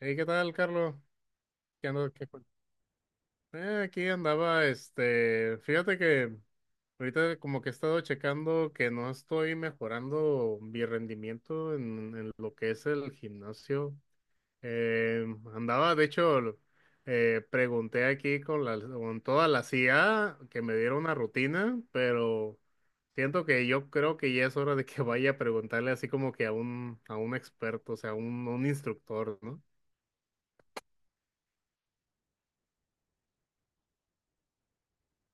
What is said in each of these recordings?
Hey, ¿qué tal, Carlos? ¿Qué ando- qué cu- Aquí andaba, fíjate que ahorita como que he estado checando que no estoy mejorando mi rendimiento en lo que es el gimnasio. Eh, Andaba, de hecho, pregunté aquí con toda la CIA que me diera una rutina, pero siento que yo creo que ya es hora de que vaya a preguntarle así como que a un experto, o sea, a un instructor, ¿no?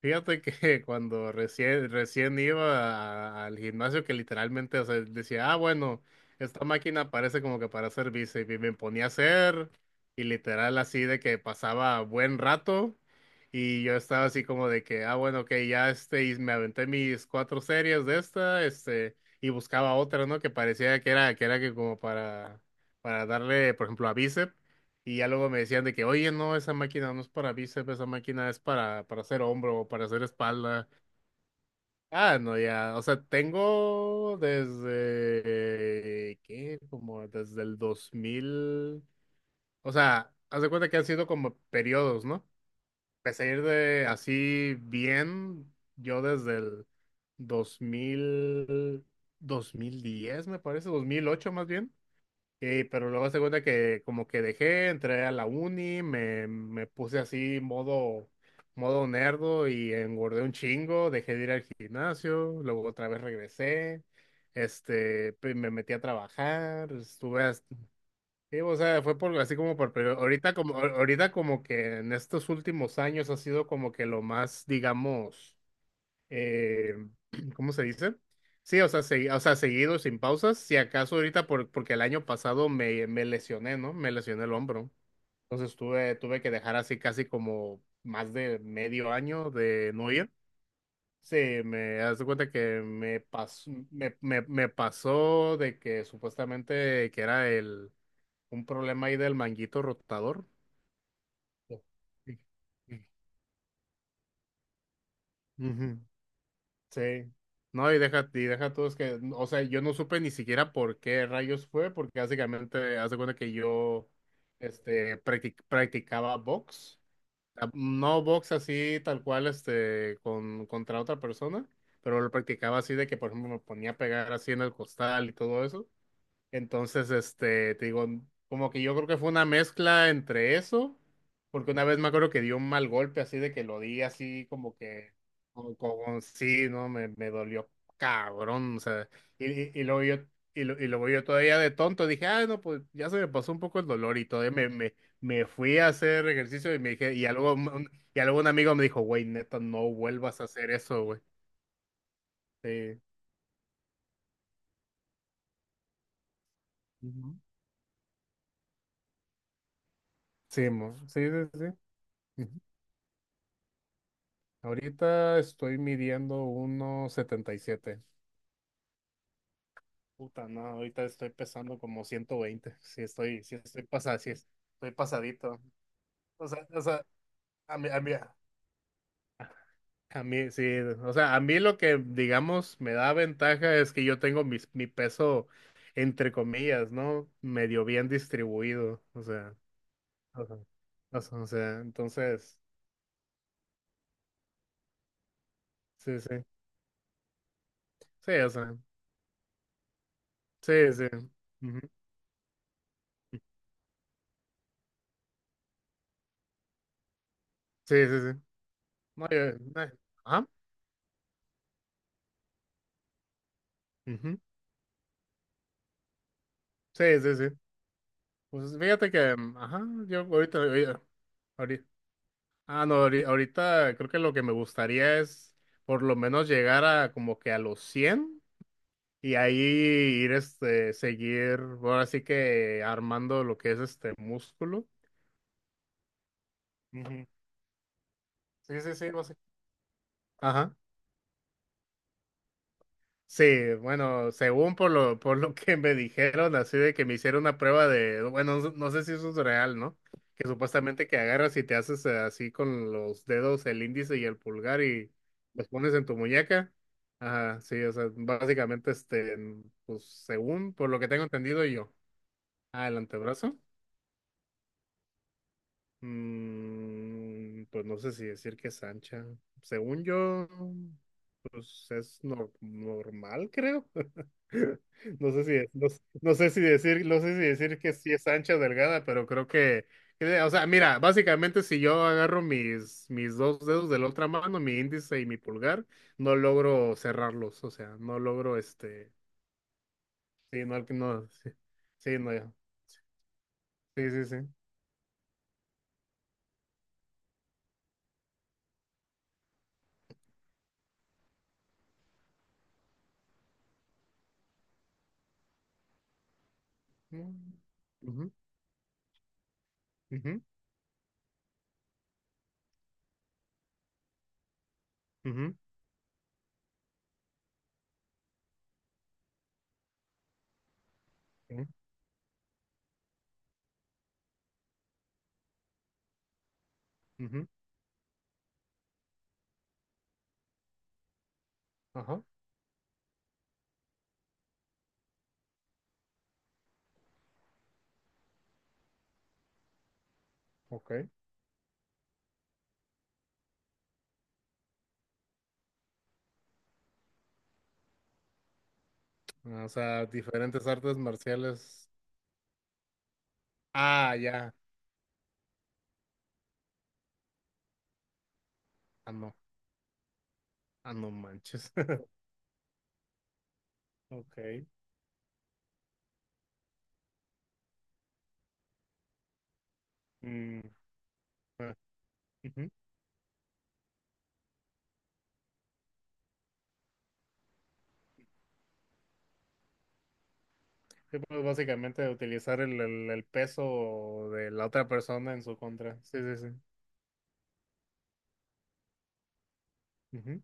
Fíjate que cuando recién iba al gimnasio, que literalmente, o sea, decía, ah, bueno, esta máquina parece como que para hacer bíceps, y me ponía a hacer, y literal así de que pasaba buen rato, y yo estaba así como de que, ah, bueno, ok, ya, y me aventé mis cuatro series de y buscaba otra, ¿no? Que parecía que era, que era que como para darle, por ejemplo, a bíceps, y ya luego me decían de que, oye, no, esa máquina no es para bíceps, esa máquina es para hacer hombro o para hacer espalda. Ah, no, ya, o sea, tengo desde, ¿qué? Como desde el dos mil, o sea, haz de cuenta que han sido como periodos, ¿no? Empecé a ir de así bien, yo desde el dos dos mil 2010 me parece, 2008 más bien. Sí, pero luego se cuenta que como que dejé, entré a la uni, me puse así modo, modo nerdo y engordé un chingo, dejé de ir al gimnasio, luego otra vez regresé, pe- me metí a trabajar, estuve, as- sí, o sea, fue por, así como por, pero ahorita como que en estos últimos años ha sido como que lo más, digamos, eh, ¿cómo se dice? Sí, o sea, segui- o sea, seguido, sin pausas. Si acaso ahorita, por, porque el año pasado me lesioné, ¿no? Me lesioné el hombro. Entonces tuve, tuve que dejar así casi como más de medio año de no ir. Sí, me das cuenta que me pasó, me pasó de que supuestamente que era el, un problema ahí del manguito rotador. Sí. Ujú. Sí. No, y deja tú, es que, o sea, yo no supe ni siquiera por qué rayos fue, porque básicamente hace cuenta que yo, practic- practicaba box. Ah, no box así tal cual, contra otra persona, pero lo practicaba así de que, por ejemplo, me ponía a pegar así en el costal y todo eso. Entonces, te digo, como que yo creo que fue una mezcla entre eso, porque una vez me acuerdo que dio un mal golpe así de que lo di así como que, como, como- sí, no, me dolió cabrón, o sea, y luego yo, y, lo- y luego yo todavía de tonto dije, ah, no, pues ya se me pasó un poco el dolor y todavía me fui a hacer ejercicio y me dije, y algo, un- y algún amigo me dijo, güey, neta, no vuelvas a hacer eso, güey. Sí, ujú, sí, sí. Sí. Ahorita estoy midiendo 1.77. Puta, no, ahorita estoy pesando como 120. Sí, estoy pasado, sí, estoy pasadito. O sea, a mí, a mí, a mí, sí, o sea, a mí lo que, digamos, me da ventaja es que yo tengo mis, mi peso, entre comillas, ¿no? Medio bien distribuido, o sea, o sea, entonces, sí, sí, sí, o sea, sí, sí, ujú, sí, sí, sí, no, yo, eh, ajá, ujú. Sí, sí, sí. Pues fíjate que, mm, ajá, yo ahorita, ahorita, ahori- ah, no, ahori- ahorita, creo que lo que me gustaría es por lo menos llegar a como que a los 100 y ahí ir, seguir, ahora sí que armando lo que es este músculo. Ujú. Sí, sí, sí, no sé. Ajá. Sí, bueno, según por lo que me dijeron, así de que me hicieron una prueba de, bueno, no, no sé si eso es real, ¿no? Que supuestamente que agarras y te haces así con los dedos, el índice y el pulgar y los pones en tu muñeca. Ajá, sí, o sea, básicamente, pues según por lo que tengo entendido yo. Ah, el antebrazo. Mm, pues no sé si decir que es ancha. Según yo, pues es nor- normal, creo. No sé si, no, no sé si decir, no sé si decir que sí es ancha o delgada, pero creo que- o sea, mira, básicamente si yo agarro mis dos dedos de la otra mano, mi índice y mi pulgar, no logro cerrarlos, o sea, no logro sí, no, no, sí, sí, no, ya, sí, sí, sí. Mm, ujú, ujú, ujú, ujú, ujú. Ajá, ok. Ah, o sea, diferentes artes marciales. Ah, ya. Ah, no. Ah, no manches. Ok. Mm. Ujú. Sí, pues básicamente utilizar el, el peso de la otra persona en su contra. Sí, sí, sí. Ujú.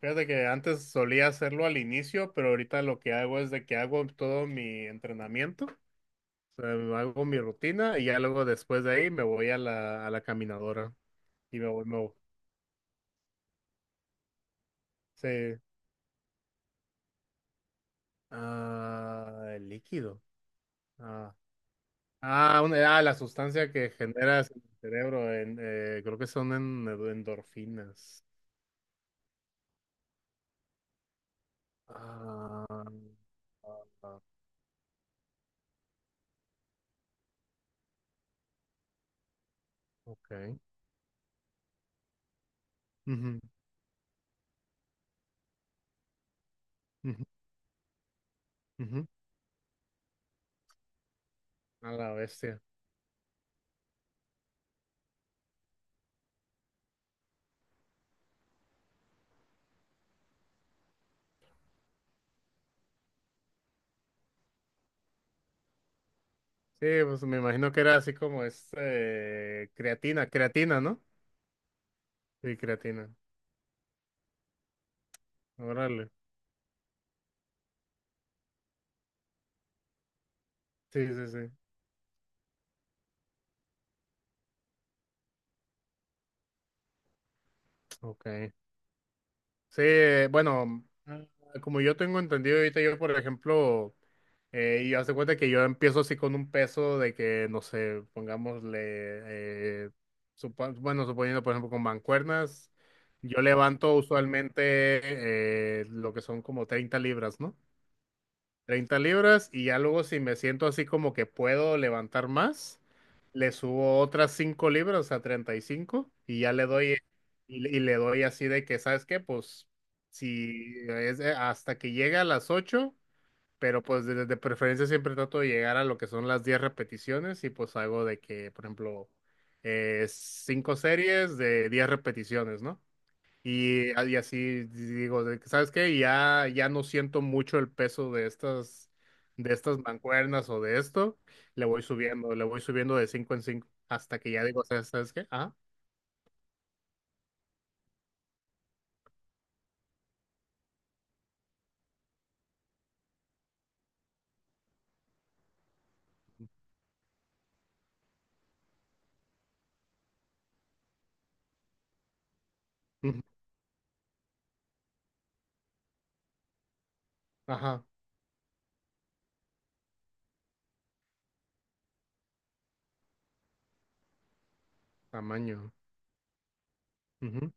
Fíjate que antes solía hacerlo al inicio, pero ahorita lo que hago es de que hago todo mi entrenamiento, o sea, hago mi rutina y ya luego después de ahí me voy a la caminadora y me voy, me voy. Sí. Ah, el líquido. Ah, la sustancia que generas en el cerebro, en, creo que son en, endorfinas. Ah, ah, ah, ok. Ujú, ujú, ujú. A la bestia. Sí, pues me imagino que era así como este creatina, creatina, ¿no? Sí, creatina. Órale. Sí, sí, sí. Ok. Sí, bueno, ah, como yo tengo entendido ahorita, yo por ejemplo, y hace cuenta que yo empiezo así con un peso de que, no sé, pongámosle, eh, bueno, suponiendo por ejemplo con mancuernas, yo levanto usualmente lo que son como 30 libras, ¿no? 30 libras y ya luego si me siento así como que puedo levantar más, le subo otras 5 libras a 35 y ya le doy, y le doy así de que, ¿sabes qué? Pues si es hasta que llegue a las ocho, pero pues de preferencia siempre trato de llegar a lo que son las 10 repeticiones y pues hago de que, por ejemplo, 5 series de 10 repeticiones, ¿no? Y, ah, y así digo, de que, ¿sabes qué? Ya, ya no siento mucho el peso de estas mancuernas o de esto. Le voy subiendo de cinco en cinco hasta que ya digo, ¿sabes qué? Ah, ujú, ajá, tamaño. Ujú.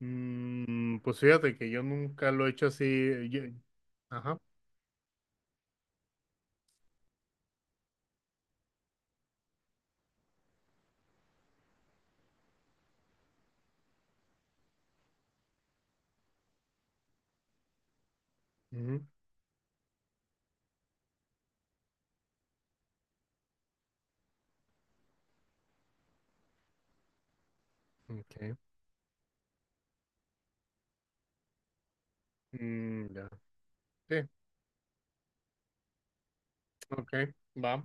Mm, pues fíjate que yo nunca lo he hecho así. Yo- ajá. Ujú, ok. Mm, ya. Sí, ok, va.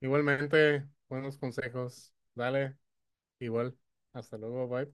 Igualmente, buenos consejos. Dale, igual. Hasta luego, bye.